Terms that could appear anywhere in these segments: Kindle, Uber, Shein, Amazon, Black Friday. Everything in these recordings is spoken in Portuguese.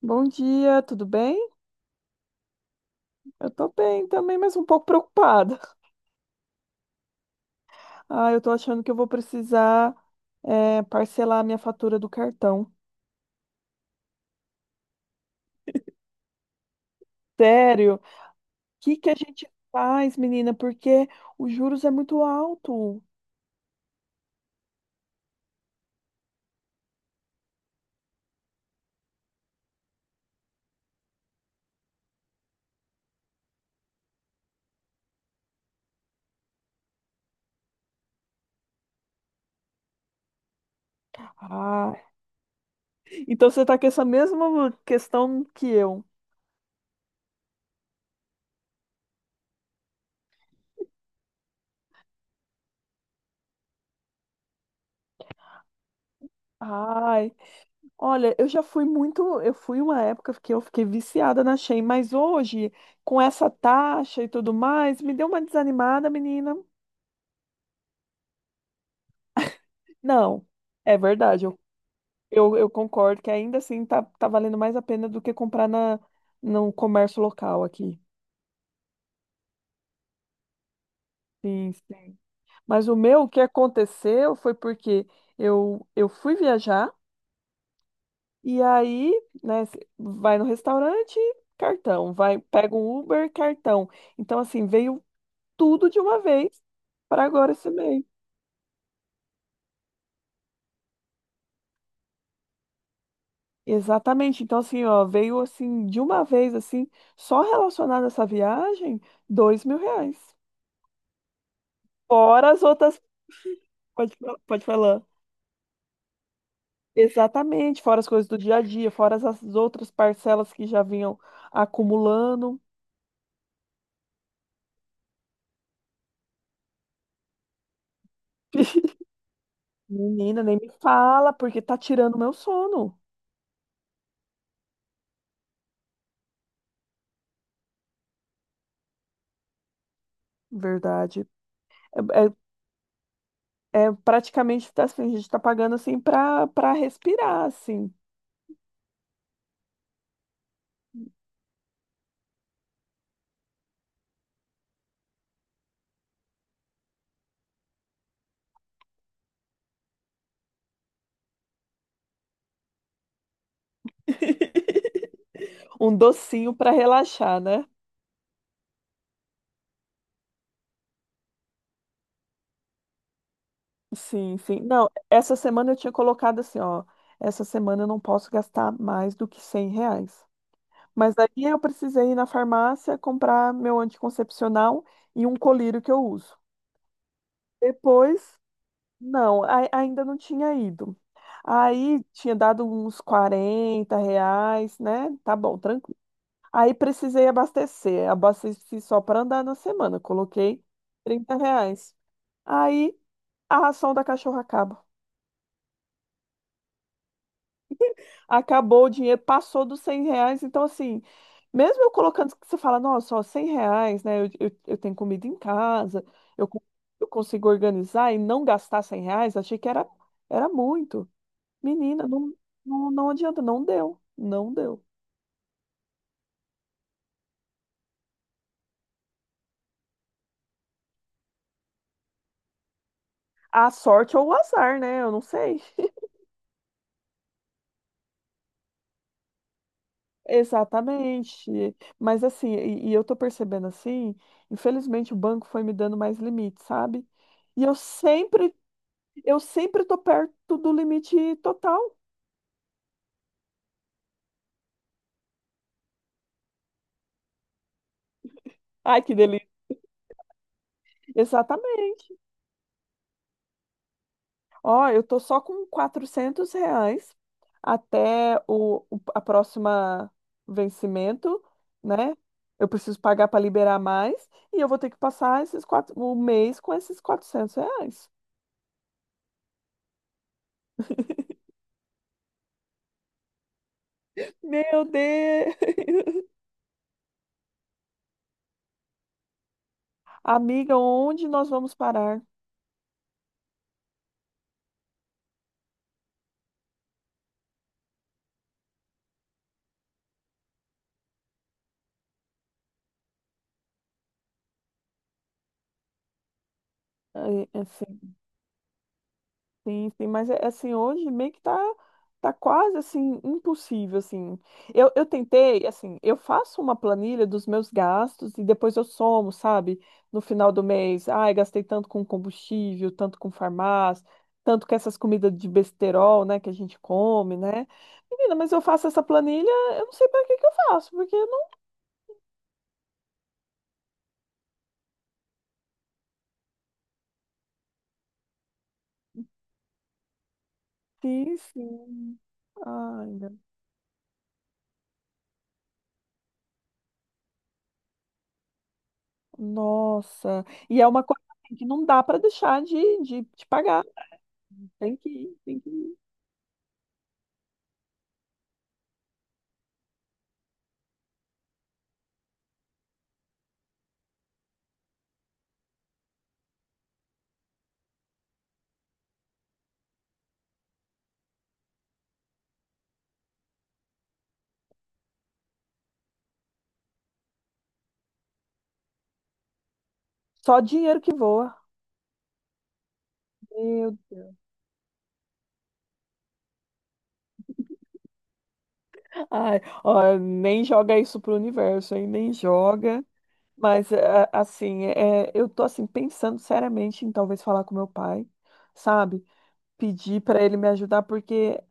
Bom dia, tudo bem? Eu tô bem também, mas um pouco preocupada. Ah, eu tô achando que eu vou precisar, parcelar a minha fatura do cartão. Sério? O que que a gente faz, menina? Porque os juros é muito alto. Ah, então você tá com essa mesma questão que eu. Ai, olha, eu fui uma época que eu fiquei viciada na Shein, mas hoje, com essa taxa e tudo mais, me deu uma desanimada, menina. Não. É verdade. Eu concordo que ainda assim tá valendo mais a pena do que comprar no comércio local aqui. Sim, sim. Mas o meu, o que aconteceu foi porque eu fui viajar e aí, né, cê vai no restaurante, cartão, vai, pega um Uber, cartão. Então, assim, veio tudo de uma vez para agora esse mês. Exatamente. Então, assim, ó, veio assim, de uma vez, assim, só relacionado a essa viagem, R$ 2.000. Fora as outras. Pode, pode falar. Exatamente, fora as coisas do dia a dia, fora as outras parcelas que já vinham acumulando. Menina, nem me fala, porque tá tirando meu sono. Verdade. É, é praticamente tá assim, a gente tá pagando assim pra respirar, assim. Um docinho pra relaxar, né? Sim, sim. Não, essa semana eu tinha colocado assim, ó, essa semana eu não posso gastar mais do que R$ 100. Mas aí eu precisei ir na farmácia comprar meu anticoncepcional e um colírio que eu uso. Depois, não, ainda não tinha ido. Aí tinha dado uns R$ 40, né? Tá bom, tranquilo. Aí precisei abastecer. Abasteci só para andar na semana. Coloquei R$ 30. Aí a ração da cachorra acaba. Acabou o dinheiro, passou dos R$ 100. Então, assim, mesmo eu colocando, que você fala, nossa, ó, R$ 100, né? Eu tenho comida em casa, eu, con- eu consigo organizar e não gastar R$ 100, achei que era muito. Menina, não, não, não adianta, não deu, não deu. A sorte ou o azar, né? Eu não sei. Exatamente. Mas assim, e eu tô percebendo assim, infelizmente o banco foi me dando mais limites, sabe? E eu sempre Eu sempre tô perto do limite total. Ai, que delícia. Exatamente. Ó, eu tô só com R$ 400 até a próxima vencimento, né? Eu preciso pagar para liberar mais e eu vou ter que passar o mês com esses R$ 400. Meu Deus! Amiga, onde nós vamos parar? Ai, assim, sim, sim, mas é assim, hoje meio que tá, tá quase assim, impossível, assim. Eu tentei, assim, eu faço uma planilha dos meus gastos e depois eu somo, sabe? No final do mês, ai, gastei tanto com combustível, tanto com farmácia, tanto com essas comidas de besterol, né, que a gente come, né? Menina, mas eu faço essa planilha, eu não sei para que que eu faço, porque eu não fiz, sim. Ai, nossa. E é uma coisa assim, que não dá para deixar de pagar. Tem que ir, tem que ir. Só dinheiro que voa. Meu Deus. Ai, ó, nem joga isso pro universo, hein? Nem joga. Mas, assim, eu tô, assim, pensando seriamente em talvez falar com meu pai, sabe? Pedir para ele me ajudar, porque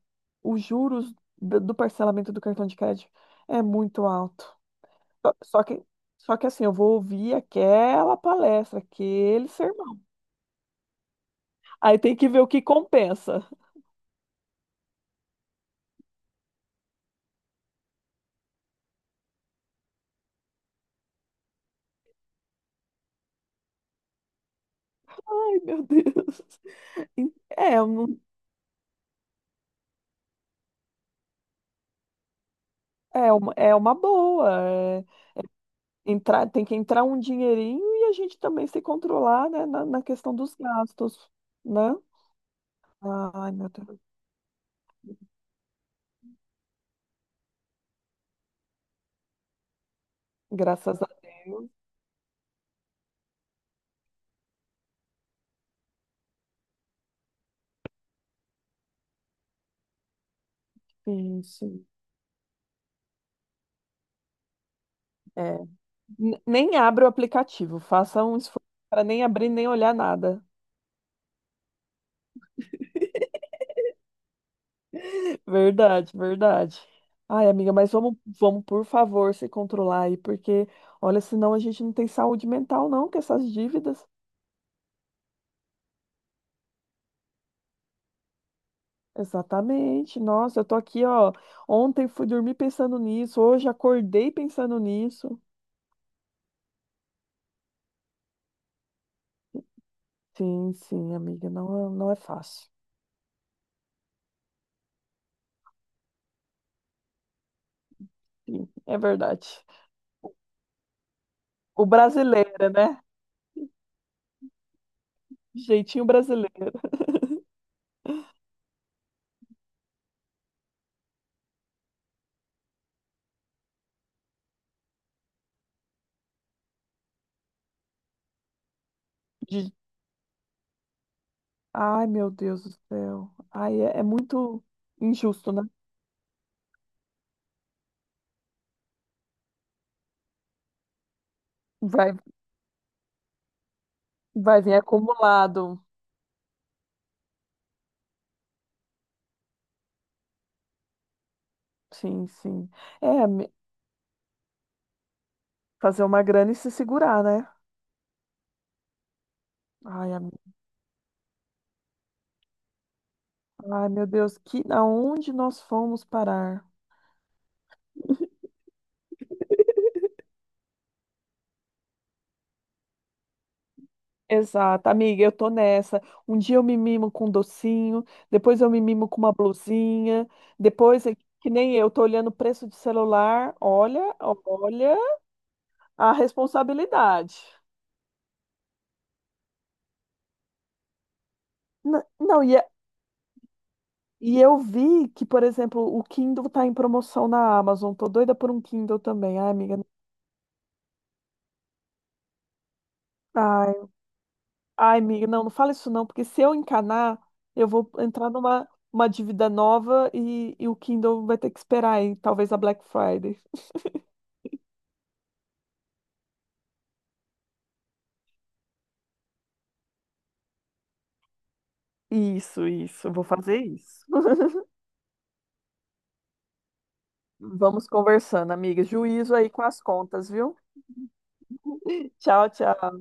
os juros do parcelamento do cartão de crédito é muito alto. Só só que, só que, assim, eu vou ouvir aquela palestra, aquele sermão. Aí tem que ver o que compensa. Ai, meu Deus. É, eu não. É uma boa. Tem que entrar um dinheirinho e a gente também se controlar, né, na questão dos gastos, né? Ai, meu Deus. Graças a Deus. Sim, é. Nem abra o aplicativo. Faça um esforço para nem abrir, nem olhar nada. Verdade, verdade. Ai, amiga, mas vamos, vamos, por favor, se controlar aí, porque, olha, senão a gente não tem saúde mental, não, com essas dívidas. Exatamente. Nossa, eu tô aqui, ó. Ontem fui dormir pensando nisso, hoje acordei pensando nisso. Sim, sim, amiga, não, não é fácil. Sim, é verdade. O brasileiro, né? Jeitinho brasileiro. de- Ai, meu Deus do céu. Ai, é muito injusto, né? Vai, vai vir acumulado. Sim, sim. É, fazer uma grana e se segurar, né? Ai, ai, meu Deus, que aonde nós fomos parar? Exato, amiga, eu tô nessa. Um dia eu me mimo com um docinho, depois eu me mimo com uma blusinha, depois, é que nem eu, tô olhando o preço de celular, olha, olha a responsabilidade. Não, e eu vi que, por exemplo, o Kindle tá em promoção na Amazon, tô doida por um Kindle também. Ai, amiga, ai, ai, amiga, não, não fala isso não, porque se eu encanar, eu vou entrar numa uma dívida nova e o Kindle vai ter que esperar aí, talvez a Black Friday. Isso, isso. Eu vou fazer isso. Vamos conversando, amiga. Juízo aí com as contas, viu? Tchau, tchau.